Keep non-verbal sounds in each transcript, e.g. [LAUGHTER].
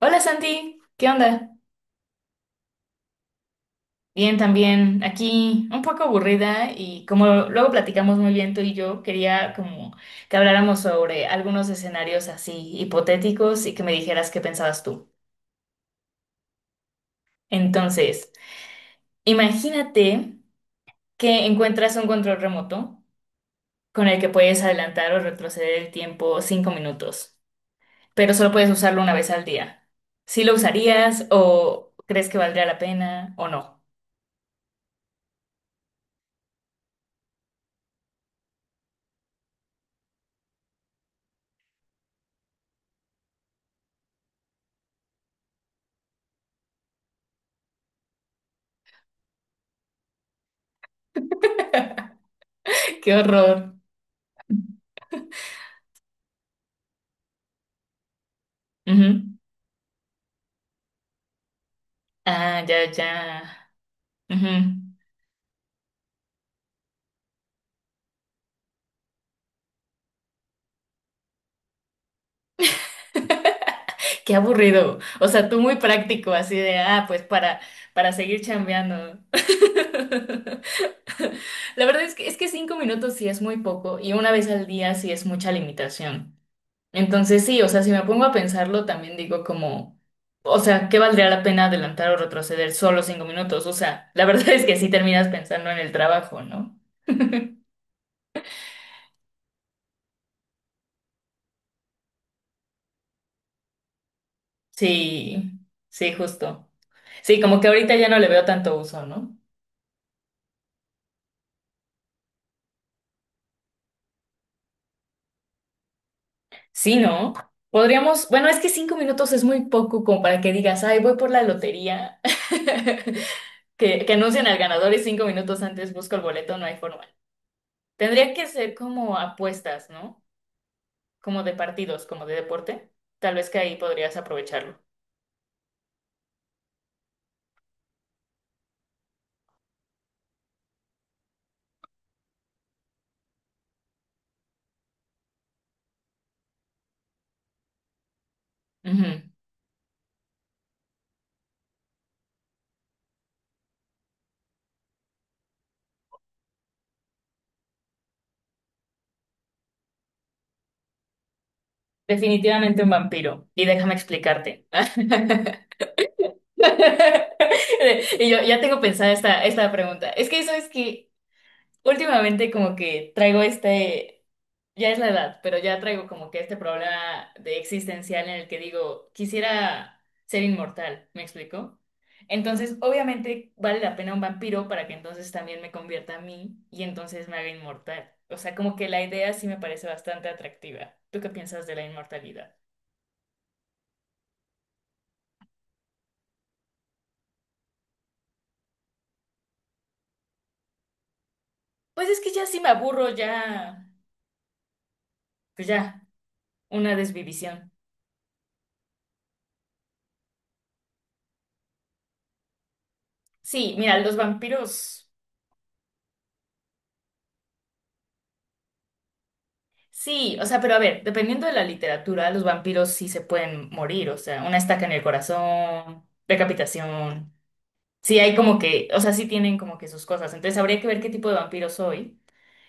Hola Santi, ¿qué onda? Bien también, aquí un poco aburrida y como luego platicamos muy bien tú y yo, quería como que habláramos sobre algunos escenarios así hipotéticos y que me dijeras qué pensabas tú. Entonces, imagínate que encuentras un control remoto con el que puedes adelantar o retroceder el tiempo 5 minutos, pero solo puedes usarlo una vez al día. ¿Sí lo usarías o crees que valdría la pena o no? [LAUGHS] ¡Qué horror! Ujú. Ah, ya, ya. Ujú. Qué aburrido. O sea, tú muy práctico, así de, ah, pues para seguir chambeando. [LAUGHS] La verdad es que 5 minutos sí es muy poco y una vez al día sí es mucha limitación. Entonces sí, o sea, si me pongo a pensarlo, también digo como, o sea, ¿qué valdría la pena adelantar o retroceder solo 5 minutos? O sea, la verdad [LAUGHS] es que sí terminas pensando en el trabajo, ¿no? Sí, sí, justo. Sí, como que ahorita ya no le veo tanto uso, ¿no? Sí, ¿no? Podríamos, bueno, es que 5 minutos es muy poco como para que digas, ay, voy por la lotería. [LAUGHS] Que anuncian al ganador y 5 minutos antes busco el boleto, no hay forma. Tendría que ser como apuestas, ¿no? Como de partidos, como de deporte. Tal vez que ahí podrías aprovecharlo. Ujú. Definitivamente un vampiro. Y déjame explicarte. [LAUGHS] [LAUGHS] Y yo ya tengo pensada esta pregunta. Es que eso es que últimamente como que traigo. Ya es la edad, pero ya traigo como que este problema de existencial en el que digo, quisiera ser inmortal, ¿me explico? Entonces, obviamente vale la pena un vampiro para que entonces también me convierta a mí y entonces me haga inmortal. O sea, como que la idea sí me parece bastante atractiva. ¿Tú qué piensas de la inmortalidad? Pues es que ya sí me aburro, ya, pues ya, una desvivisión. Sí, mira, los vampiros. Sí, o sea, pero a ver, dependiendo de la literatura, los vampiros sí se pueden morir, o sea, una estaca en el corazón, decapitación. Sí, hay como que, o sea, sí tienen como que sus cosas. Entonces habría que ver qué tipo de vampiro soy.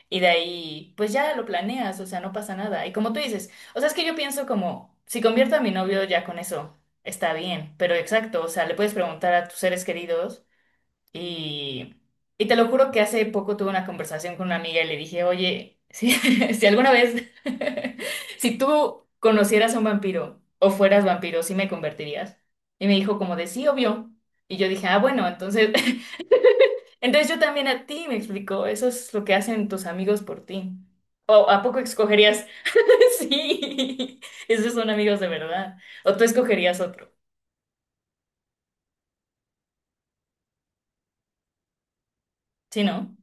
Y de ahí, pues ya lo planeas, o sea, no pasa nada. Y como tú dices, o sea, es que yo pienso como, si convierto a mi novio ya con eso, está bien. Pero exacto, o sea, le puedes preguntar a tus seres queridos. Y, y te lo juro que hace poco tuve una conversación con una amiga y le dije, oye, si, [LAUGHS] si alguna vez, [LAUGHS] si tú conocieras a un vampiro o fueras vampiro, ¿sí me convertirías? Y me dijo como de sí, obvio. Y yo dije, ah, bueno, entonces, [LAUGHS] entonces yo también a ti, me explicó, eso es lo que hacen tus amigos por ti. ¿O a poco escogerías? [LAUGHS] Sí, esos son amigos de verdad. ¿O tú escogerías otro? Sí, ¿no?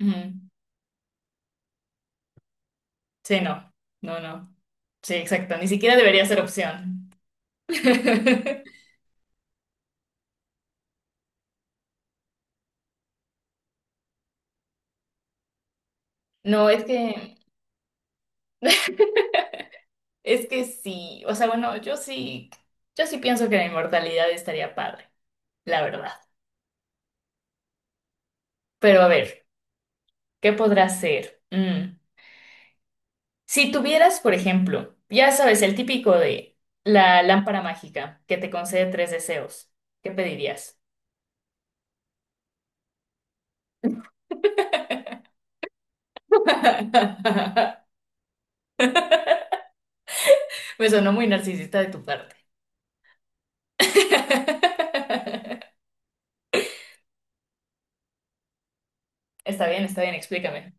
Ujú. Sí, no. No, no. Sí, exacto, ni siquiera debería ser opción. [LAUGHS] No, es que, [LAUGHS] es que sí, o sea, bueno, yo sí pienso que la inmortalidad estaría padre, la verdad. Pero a ver, ¿qué podrá ser? Si tuvieras, por ejemplo, ya sabes, el típico de la lámpara mágica que te concede tres deseos, ¿qué pedirías? [LAUGHS] Me sonó muy narcisista de tu parte. [LAUGHS] Está bien, explícame.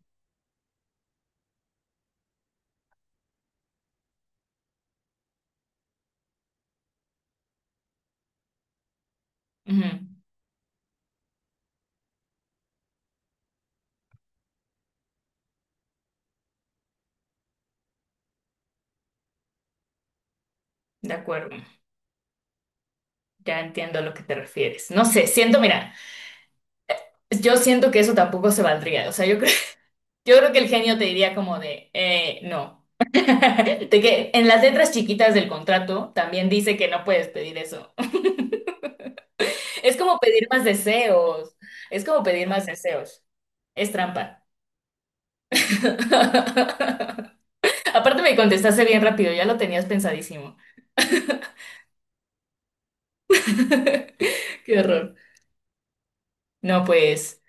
Ujú. De acuerdo, ya entiendo a lo que te refieres. No sé, siento, mira, yo siento que eso tampoco se valdría. O sea, yo creo, [LAUGHS] yo creo que el genio te diría como de, no. [LAUGHS] De que en las letras chiquitas del contrato también dice que no puedes pedir eso. [LAUGHS] Es como pedir más deseos. Es como pedir más deseos. Es trampa. [LAUGHS] Aparte me contestaste bien rápido, ya lo tenías pensadísimo. [LAUGHS] Qué horror. No, pues.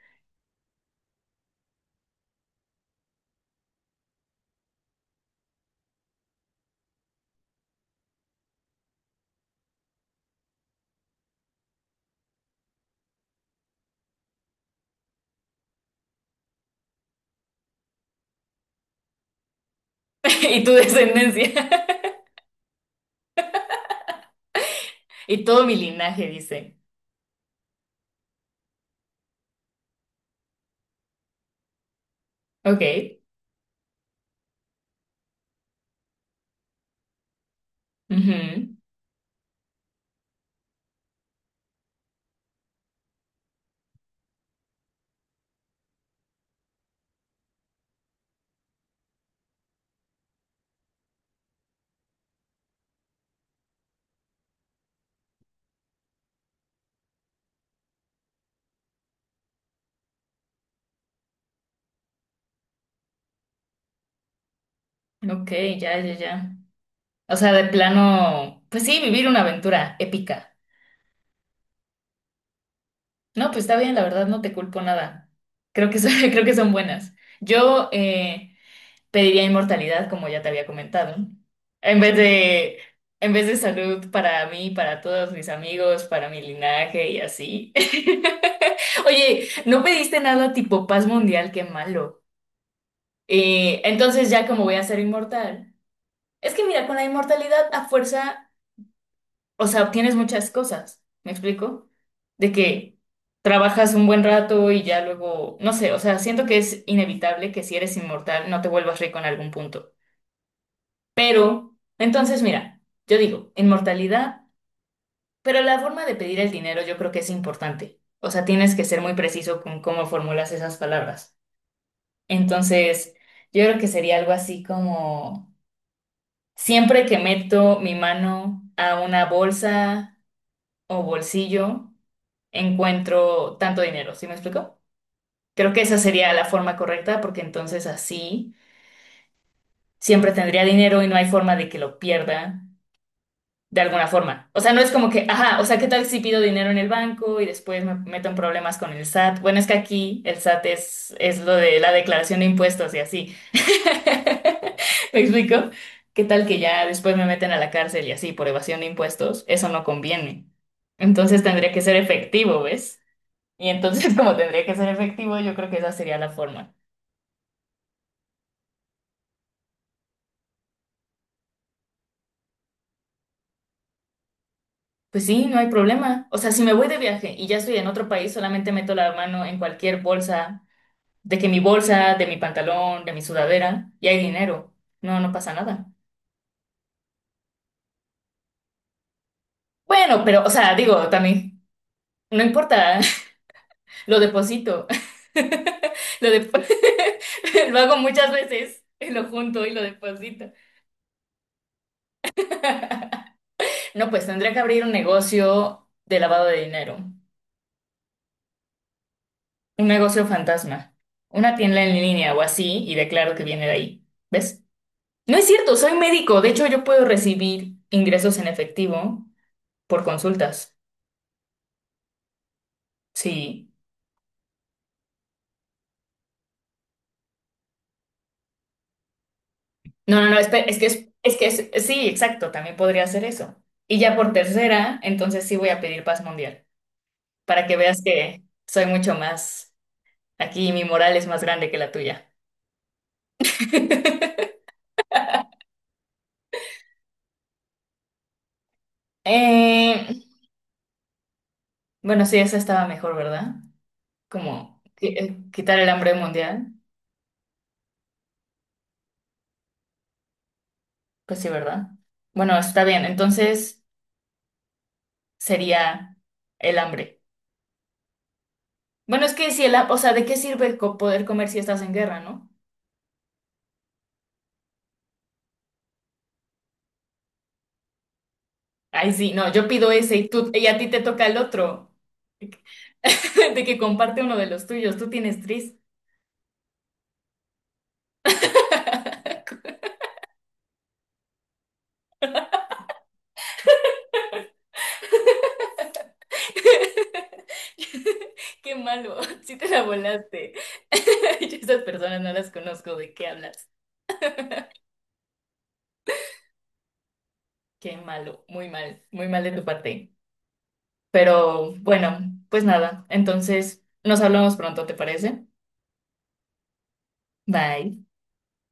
[LAUGHS] Y tu descendencia. [LAUGHS] Y todo mi linaje, dice. Ok. Ujú. Ok, ya, ya, ya. O sea, de plano, pues sí, vivir una aventura épica. No, pues está bien, la verdad no te culpo nada. Creo que son, [LAUGHS] creo que son buenas. Yo pediría inmortalidad, como ya te había comentado, en vez de, en vez de salud para mí, para todos mis amigos, para mi linaje y así. [LAUGHS] Oye, no pediste nada tipo paz mundial, qué malo. Entonces ya como voy a ser inmortal. Es que mira, con la inmortalidad a fuerza o sea, obtienes muchas cosas, ¿me explico? De que trabajas un buen rato y ya luego, no sé, o sea, siento que es inevitable que si eres inmortal no te vuelvas rico en algún punto. Pero, entonces, mira, yo digo, inmortalidad, pero la forma de pedir el dinero yo creo que es importante. O sea, tienes que ser muy preciso con cómo formulas esas palabras. Entonces, yo creo que sería algo así como, siempre que meto mi mano a una bolsa o bolsillo, encuentro tanto dinero, ¿sí me explico? Creo que esa sería la forma correcta porque entonces así siempre tendría dinero y no hay forma de que lo pierda de alguna forma. O sea, no es como que, ajá, o sea, ¿qué tal si pido dinero en el banco y después me meto en problemas con el SAT? Bueno, es que aquí el SAT es lo de la declaración de impuestos y así. [LAUGHS] ¿Me explico? ¿Qué tal que ya después me meten a la cárcel y así por evasión de impuestos? Eso no conviene. Entonces tendría que ser efectivo, ¿ves? Y entonces, [LAUGHS] como tendría que ser efectivo, yo creo que esa sería la forma. Pues sí, no hay problema. O sea, si me voy de viaje y ya estoy en otro país, solamente meto la mano en cualquier bolsa, de que mi bolsa, de mi pantalón, de mi sudadera, y hay dinero. No, no pasa nada. Bueno, pero, o sea, digo, también, no importa, [LAUGHS] lo deposito. [LAUGHS] Lo, depo- [LAUGHS] lo hago muchas veces, lo junto y lo deposito. No, pues tendría que abrir un negocio de lavado de dinero. Un negocio fantasma. Una tienda en línea o así y declaro que viene de ahí. ¿Ves? No es cierto, soy médico. De hecho, yo puedo recibir ingresos en efectivo por consultas. Sí. No, no, no, espera, sí, exacto, también podría hacer eso. Y ya por tercera, entonces sí voy a pedir paz mundial, para que veas que soy mucho más aquí, y mi moral es más grande que la tuya. [LAUGHS] Eh, bueno, sí, esa estaba mejor, ¿verdad? Como quitar el hambre mundial. Pues sí, ¿verdad? Bueno, está bien. Entonces sería el hambre. Bueno, es que si o sea, ¿de qué sirve poder comer si estás en guerra, no? Ay, sí, no, yo pido ese y tú y a ti te toca el otro. [LAUGHS] De que comparte uno de los tuyos, tú tienes tris. [LAUGHS] Qué malo, sí te la volaste. [LAUGHS] Yo esas personas no las conozco, ¿de qué hablas? Qué malo, muy mal de tu parte. Pero bueno, pues nada, entonces nos hablamos pronto, ¿te parece? Bye.